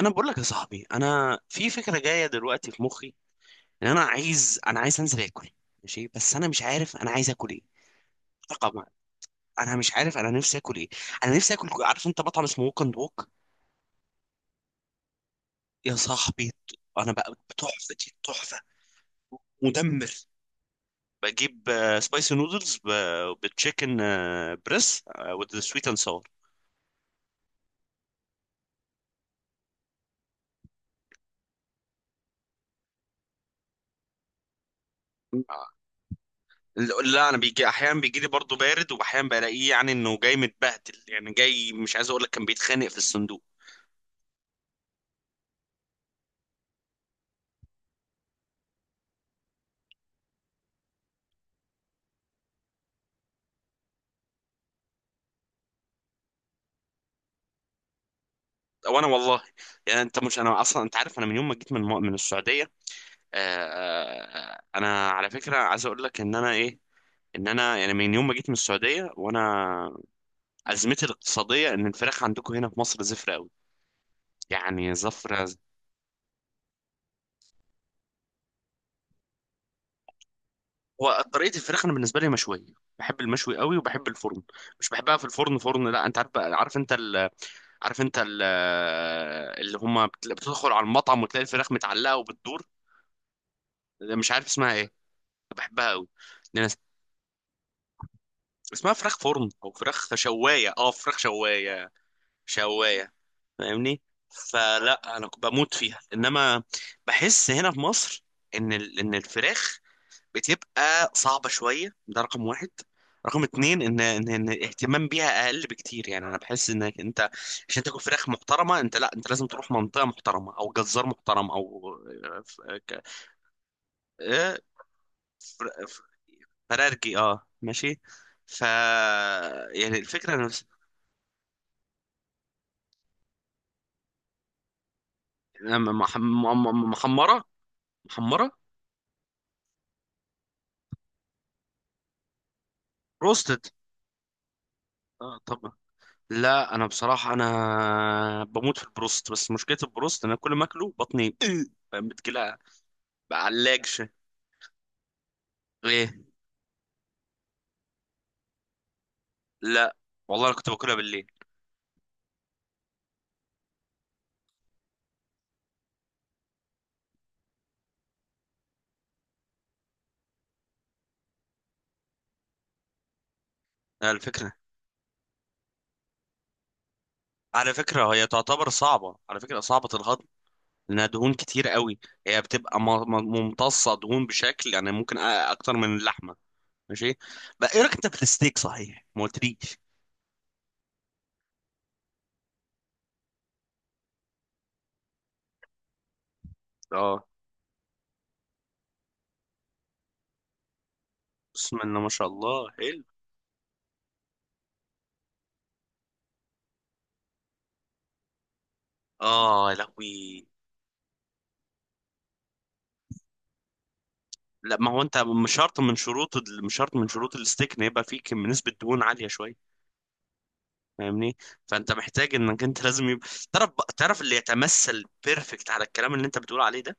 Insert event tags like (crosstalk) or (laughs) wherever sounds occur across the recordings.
انا بقول لك يا صاحبي، انا في فكره جايه دلوقتي في مخي ان انا عايز انزل اكل. ماشي، بس انا مش عارف انا عايز اكل ايه. طبعا. انا مش عارف انا نفسي اكل ايه. انا نفسي اكل، عارف انت مطعم اسمه ووك اند ووك، يا صاحبي؟ انا بقى تحفه، دي تحفه. مدمر. بجيب سبايسي نودلز بالتشيكن بريس وذ سويت اند ساور. لا انا بيجي احيانا، بيجي لي برضه بارد، واحيانا بلاقيه يعني انه جاي متبهدل، يعني جاي مش عايز اقول لك كان بيتخانق في الصندوق. وانا والله، يعني انت مش، انا اصلا انت عارف انا من يوم ما جيت من السعوديه. آه، انا على فكره عايز اقول لك ان انا ايه، ان انا يعني من يوم ما جيت من السعوديه، وانا ازمتي الاقتصاديه ان الفراخ عندكم هنا في مصر زفره قوي، يعني زفره. هو طريقه الفراخ انا بالنسبه لي مشويه. بحب المشوي قوي وبحب الفرن. مش بحبها في الفرن، فرن. لا انت عارف بقى- عارف انت ال... عارف انت ال... اللي هما بت- بتدخل على المطعم وتلاقي الفراخ متعلقه وبتدور. مش عارف اسمها ايه. بحبها قوي. اسمها فراخ فرن او فراخ شوايه، اه فراخ شوايه. شوايه. فاهمني؟ فلا، انا بموت فيها، انما بحس هنا في مصر ان ان الفراخ بتبقى صعبه شويه، ده رقم واحد. رقم اتنين ان الاهتمام بيها اقل بكتير. يعني انا بحس انك انت عشان تاكل فراخ محترمه انت، لا انت لازم تروح منطقه محترمه او جزار محترم او آه، فر- فرارجي، اه ماشي. ف يعني الفكره. محمرة. محمرة. بروستد. آه طبعا. لا انا بصراحة انا بموت في البروست، بس مشكلة البروست إن انا كل ما اكله بطني (clears throat) بتجيلها. بعلاقش. ليه؟ لا والله انا كنت باكلها بالليل. الفكرة. على فكرة هي تعتبر صعبة، على فكرة صعبة الهضم، لأنها دهون كتير قوي. هي بتبقى ممتصة دهون بشكل يعني ممكن أكتر من اللحمة. ماشي. بقى إيه رأيك أنت في الستيك؟ صحيح ما قلتليش. اه. بسم الله ما شاء الله، حلو. اه يا لهوي. لا ما هو انت مش شرط من شروط مش شرط من شروط الستيك ان يبقى فيه نسبة دهون عالية شوية. فاهمني؟ فانت محتاج انك انت لازم يبقى، تعرف تعرف اللي يتمثل بيرفكت على الكلام اللي انت بتقول عليه ده،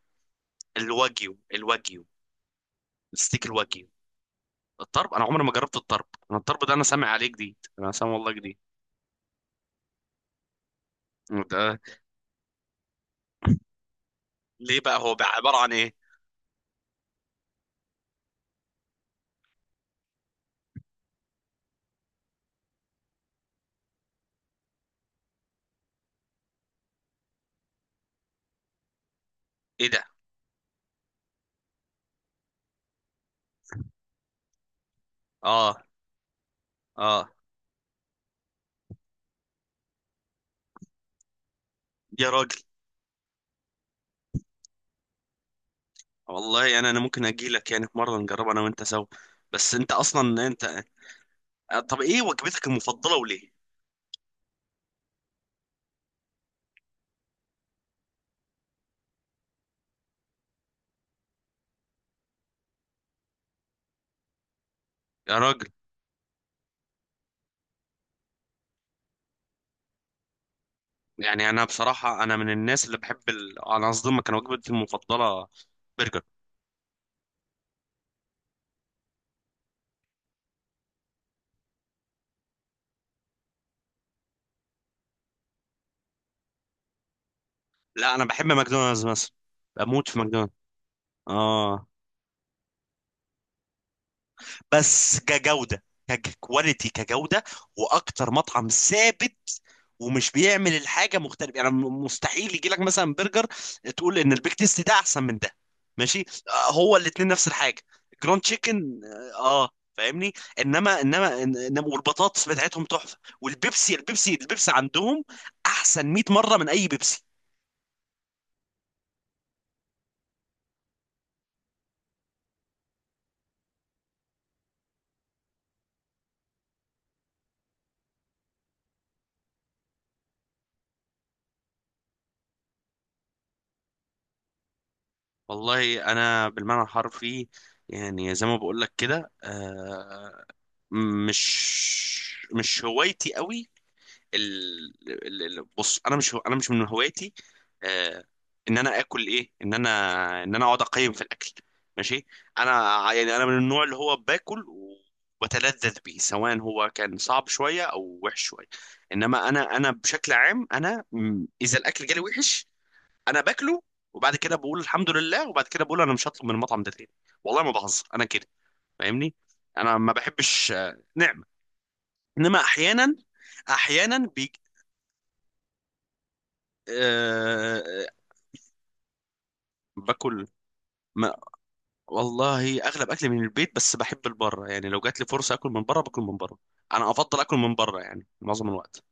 الواجيو. الواجيو. الستيك الواجيو. الطرب انا عمري ما جربت الطرب. انا الطرب ده انا سامع عليه جديد، انا سامع والله جديد. ده ليه بقى؟ هو بقى عبارة عن ايه؟ ايه ده؟ اه. اه يا راجل. والله انا، ممكن اجي لك يعني في مرة نجرب انا وانت سوا. بس انت اصلا انت. طب ايه وجبتك المفضله وليه؟ يا راجل. يعني انا بصراحه انا من الناس اللي بحب ال... انا اصدمك، كان وجبتي المفضله برجر. لا انا بحب ماكدونالدز مثلا. بموت في ماكدونالدز. اه. بس كجودة، ككواليتي، كجودة، واكتر مطعم ثابت ومش بيعمل الحاجة مختلفة. يعني مستحيل يجي لك مثلا برجر تقول ان البيك تيست ده احسن من ده. ماشي، هو الاتنين نفس الحاجة. جراند تشيكن. اه، فاهمني؟ انما والبطاطس بتاعتهم تحفة، والبيبسي، البيبسي عندهم احسن 100 مرة من اي بيبسي. والله انا بالمعنى الحرفي، يعني زي ما بقول لك كده، مش هوايتي قوي ال... بص انا مش من هوايتي آه، ان انا اكل ايه، ان انا اقعد اقيم في الاكل. ماشي. انا يعني انا من النوع اللي هو باكل وبتلذذ بيه سواء هو كان صعب شويه او وحش شويه. انما انا بشكل عام انا، اذا الاكل جالي وحش انا باكله، وبعد كده بقول الحمد لله، وبعد كده بقول انا مش هطلب من المطعم ده تاني. والله ما بهزر انا كده. فاهمني؟ انا ما بحبش نعمه. انما احيانا، احيانا بيج... آه... آه، باكل. ما والله اغلب اكلي من البيت، بس بحب البره. يعني لو جات لي فرصه اكل من بره باكل من بره. انا افضل اكل من بره يعني معظم الوقت.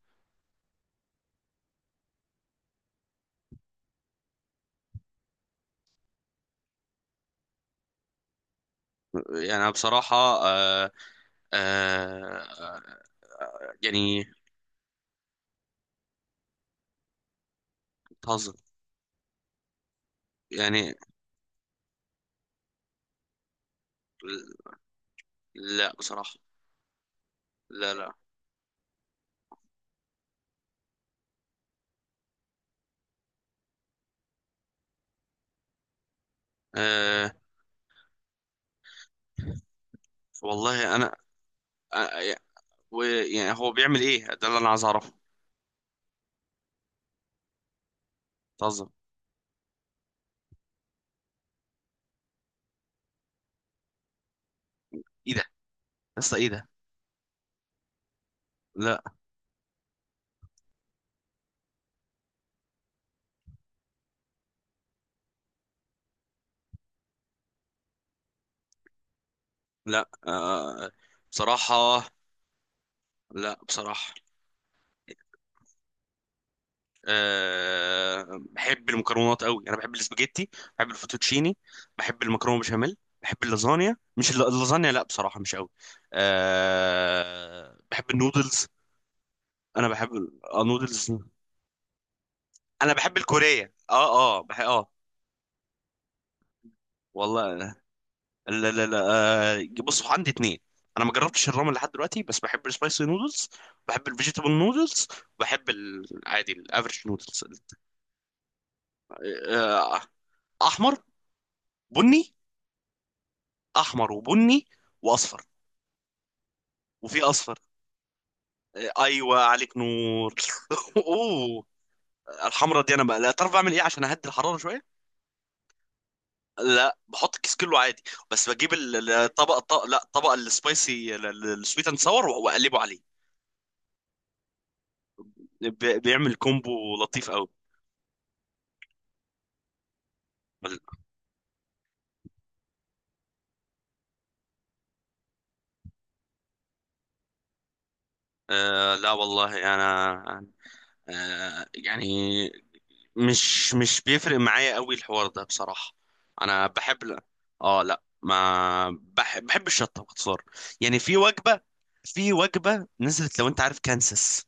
يعني أنا بصراحه آه... يعني بتهزر. يعني لا بصراحه. لا لا، آه، والله انا آه، يعني هو بيعمل ايه ده اللي انا عايز اعرفه؟ بتهزر. ايه ده يا اسطى؟ ايه ده؟ لا. لا آه، بصراحة. لا بصراحة. آه بحب المكرونات قوي. انا بحب الاسباجيتي، بحب الفوتوتشيني، بحب المكرونة بشاميل، بحب اللازانيا، مش اللازانيا لا بصراحة مش قوي. آه بحب النودلز. انا بحب اه نودلز. انا بحب الكورية. اه اه، اه. والله لا لا لا، بصوا عندي اتنين. انا ما جربتش الرامن لحد دلوقتي، بس بحب السبايسي نودلز، بحب الفيجيتابل نودلز، بحب العادي الافريج نودلز. آه، احمر، بني. احمر وبني واصفر. وفي اصفر. ايوه عليك نور. (laughs) اوه. الحمرة دي انا بقى، لا تعرف بعمل ايه عشان اهدي الحراره شويه. لا بحط الكيس كله عادي، بس بجيب لا، الطبق السبايسي السويت اند ساور واقلبه عليه. بيعمل كومبو لطيف قوي. آه لا والله انا، آه يعني، مش بيفرق معايا قوي الحوار ده بصراحة. انا بحب، اه لا، ما بحب، بحب الشطة باختصار. يعني في وجبة، في وجبة نزلت، لو انت عارف كانسس.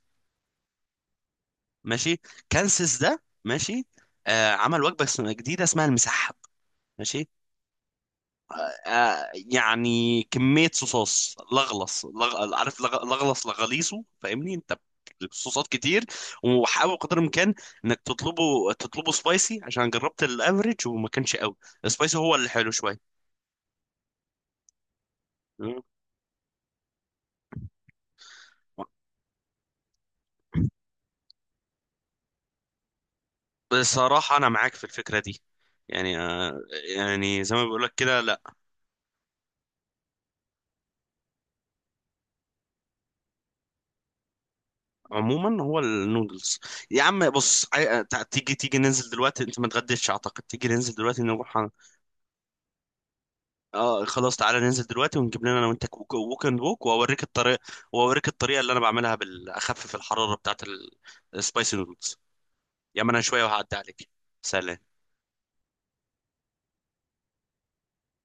ماشي. كانسس ده ماشي. آه، عمل وجبة اسمها جديدة، اسمها المسحب. ماشي. آه يعني كمية صوصات لغلص عارف لغلص لغليصه، فاهمني انت؟ صوصات كتير. وحاول قدر الامكان انك تطلبه، تطلبه سبايسي، عشان جربت الافريج وما كانش قوي. السبايسي هو اللي حلو شوية. مم. بصراحة أنا معاك في الفكرة دي. يعني يعني زي ما بقولك كده، لا. عموما هو النودلز. يا عم بص، تيجي ننزل دلوقتي؟ انت ما اتغديتش اعتقد. تيجي ننزل دلوقتي نروح. اه خلاص، تعالى ننزل دلوقتي ونجيب لنا انا وانت ووك اند ووك، واوريك الطريقه، واوريك الطريقه اللي انا بعملها بالاخفف الحراره بتاعت السبايسي نودلز. يا ما انا شويه وهعدي عليك. سلام.